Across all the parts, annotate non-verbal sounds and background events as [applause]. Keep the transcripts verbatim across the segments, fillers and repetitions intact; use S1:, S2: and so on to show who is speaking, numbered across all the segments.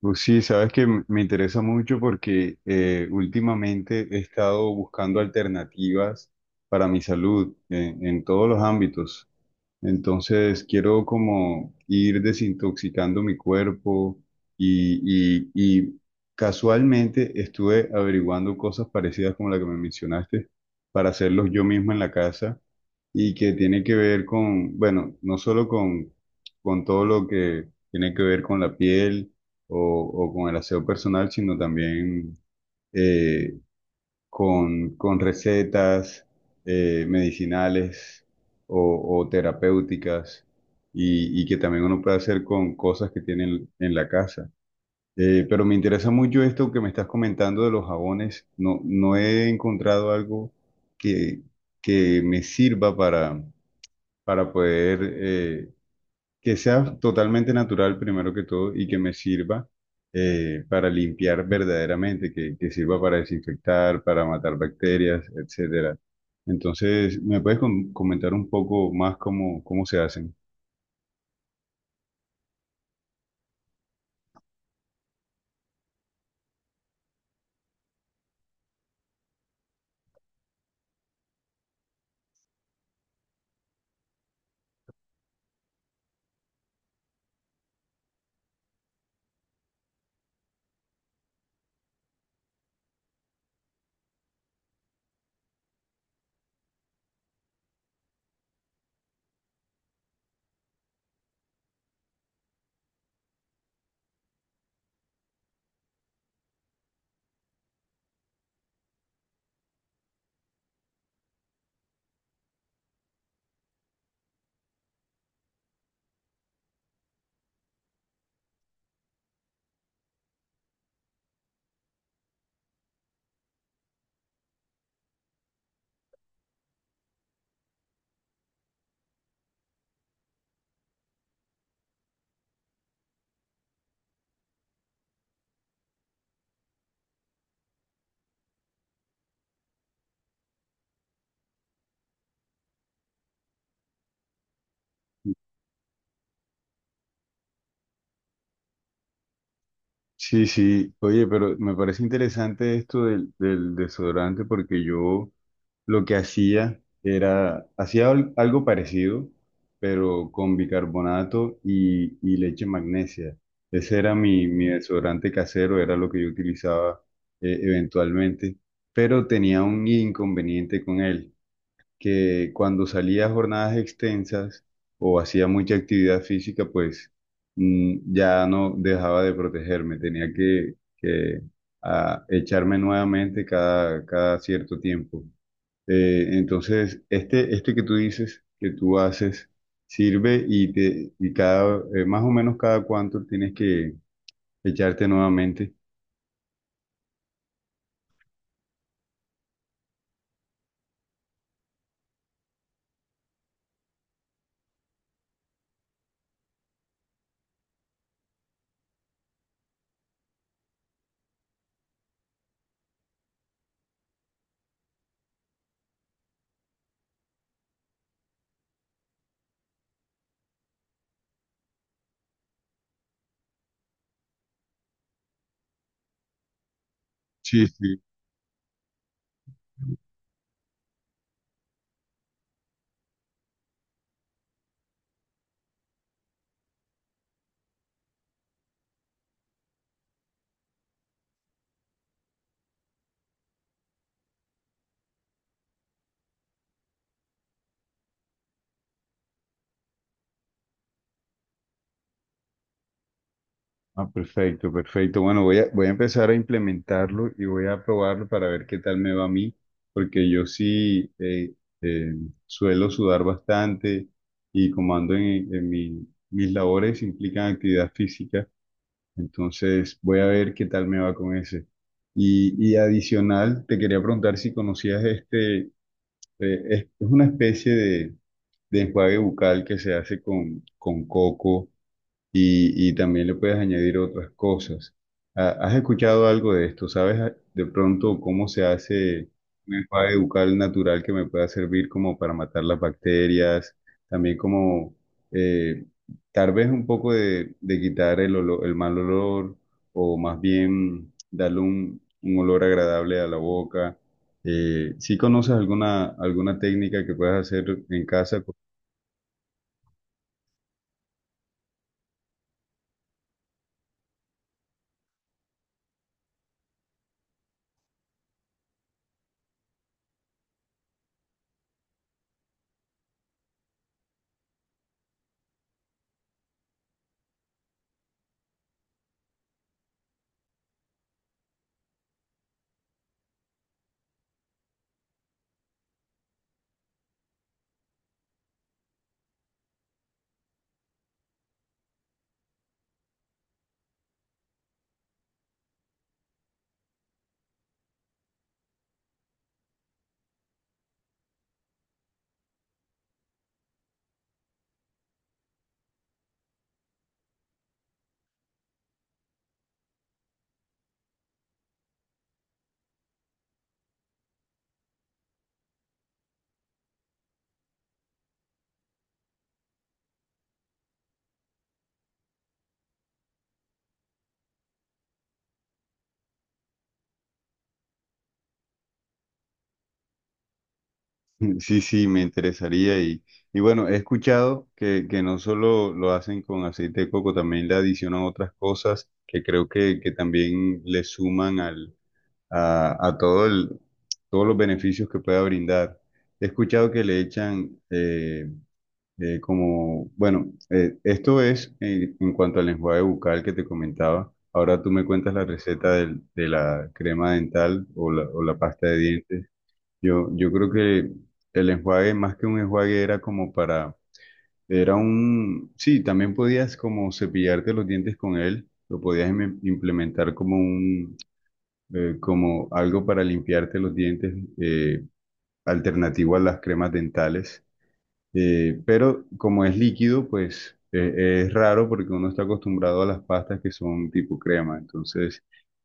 S1: Pues sí, sabes que m- me interesa mucho porque eh, últimamente he estado buscando alternativas para mi salud en, en todos los ámbitos. Entonces quiero como ir desintoxicando mi cuerpo y, y, y casualmente estuve averiguando cosas parecidas como la que me mencionaste para hacerlos yo mismo en la casa y que tiene que ver con, bueno, no solo con, con todo lo que tiene que ver con la piel o, o con el aseo personal, sino también eh, con, con recetas eh, medicinales o, o terapéuticas y, y que también uno puede hacer con cosas que tienen en la casa. Eh, pero me interesa mucho esto que me estás comentando de los jabones. No, no he encontrado algo que, que me sirva para para poder eh, que sea totalmente natural primero que todo y que me sirva eh, para limpiar verdaderamente, que, que sirva para desinfectar, para matar bacterias, etcétera. Entonces, ¿me puedes com- comentar un poco más cómo, cómo se hacen? Sí, sí, oye, pero me parece interesante esto del, del desodorante porque yo lo que hacía era, hacía al- algo parecido, pero con bicarbonato y, y leche magnesia. Ese era mi, mi desodorante casero, era lo que yo utilizaba eh, eventualmente, pero tenía un inconveniente con él que cuando salía a jornadas extensas o hacía mucha actividad física, pues mm, ya no dejaba de protegerme, tenía que, que, ah, echarme nuevamente cada, cada cierto tiempo. Eh, entonces, este, este que tú dices, que tú haces, sirve y, te, y cada, eh, más o menos cada cuánto tienes que echarte nuevamente. Sí, sí. Ah, perfecto, perfecto. Bueno, voy a, voy a empezar a implementarlo y voy a probarlo para ver qué tal me va a mí, porque yo sí eh, eh, suelo sudar bastante y como ando en, en mi- mis labores implican actividad física, entonces voy a ver qué tal me va con ese. Y, y adicional, te quería preguntar si conocías este, eh, es es una especie de, de enjuague bucal que se hace con, con coco y, y también le puedes añadir otras cosas. Ah, ¿has escuchado algo de esto? ¿Sabes ah, de pronto cómo se hace un enjuague bucal natural que me pueda servir como para matar las bacterias? También como eh, tal vez un poco de, de quitar el olor- el mal olor o más bien darle un, un olor agradable a la boca. Eh, ¿sí conoces alguna, alguna técnica que puedas hacer en casa? [laughs] Sí, sí, me interesaría y, y bueno, he escuchado que, que no solo lo hacen con aceite de coco, también le adicionan otras cosas que creo que, que también le suman al, a, a todo el, todos los beneficios que pueda brindar. He escuchado que le echan eh, eh, como, bueno, eh, esto es eh, en cuanto al enjuague bucal que te comentaba. Ahora tú me cuentas la receta del- de la crema dental o la, o la pasta de dientes. Yo, yo creo que el enjuague, más que un enjuague, era como para, era un, sí, también podías como cepillarte los dientes con él, lo podías im- implementar como un, eh, como algo para limpiarte los dientes, eh, alternativo a las cremas dentales. Eh, pero como es líquido, pues eh, es raro porque uno está acostumbrado a las pastas que son tipo crema. Entonces,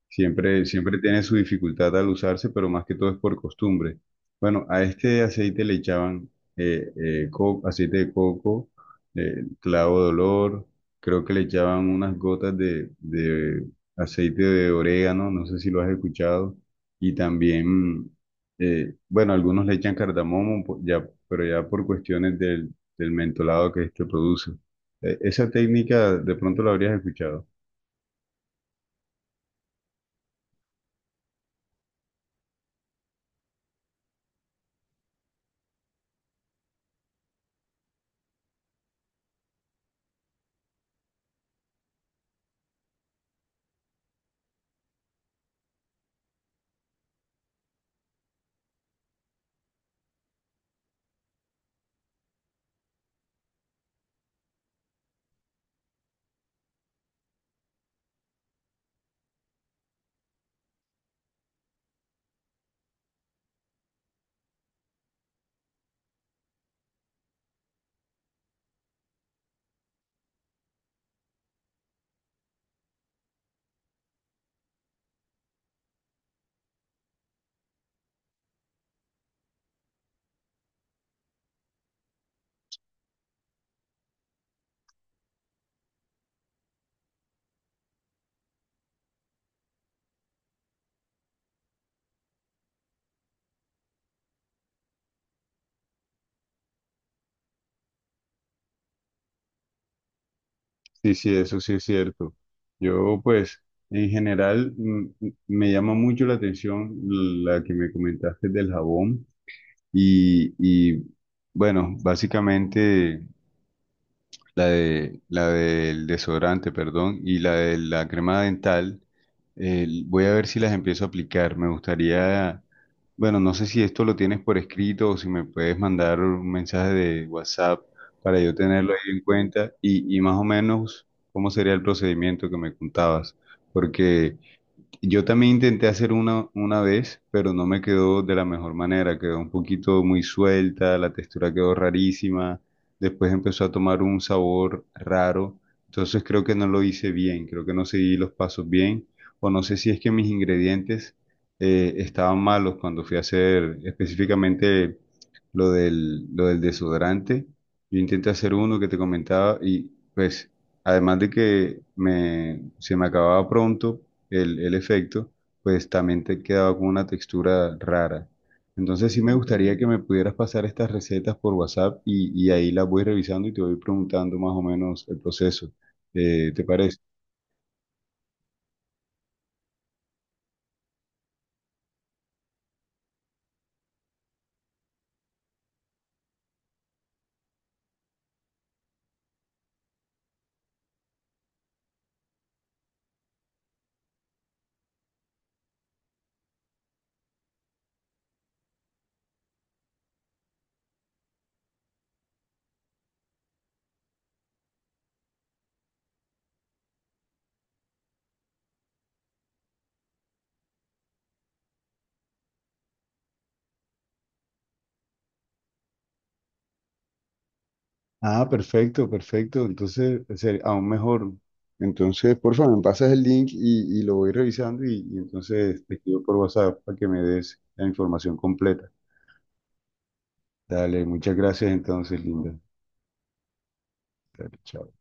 S1: siempre, siempre tiene su dificultad al usarse, pero más que todo es por costumbre. Bueno, a este aceite le echaban eh, eh, co- aceite de coco, eh, clavo de olor, creo que le echaban unas gotas de, de aceite de orégano, no sé si lo has escuchado, y también eh, bueno, algunos le echan cardamomo, po- ya, pero ya por cuestiones del, del mentolado que este produce. Eh, esa técnica de pronto la habrías escuchado. Sí, sí, eso sí es cierto. Yo, pues, en general mm, mm, me llama mucho la atención la que me comentaste del jabón y, y bueno, básicamente la de, la del desodorante, perdón, y la de la crema dental. eh, voy a ver si las empiezo a aplicar. Me gustaría, bueno, no sé si esto lo tienes por escrito o si me puedes mandar un mensaje de WhatsApp para yo tenerlo ahí en cuenta y, y más o menos cómo sería el procedimiento que me contabas. Porque yo también intenté hacer una, una vez, pero no me quedó de la mejor manera. Quedó un poquito muy suelta, la textura quedó rarísima. Después empezó a tomar un sabor raro. Entonces creo que no lo hice bien, creo que no seguí los pasos bien. O no sé si es que mis ingredientes eh, estaban malos cuando fui a hacer específicamente lo del, lo del desodorante. Yo intenté hacer uno que te comentaba y pues además de que me, se me acababa pronto el, el efecto, pues también te quedaba con una textura rara. Entonces sí me gustaría que me pudieras pasar estas recetas por WhatsApp y, y ahí las voy revisando y te voy preguntando más o menos el proceso. Eh, ¿te parece? Ah, perfecto, perfecto. Entonces, ser- aún mejor. Entonces, por favor, me pasas el link y, y lo voy revisando y, y entonces te escribo por WhatsApp para que me des la información completa. Dale, muchas gracias entonces, Linda. Dale, chao.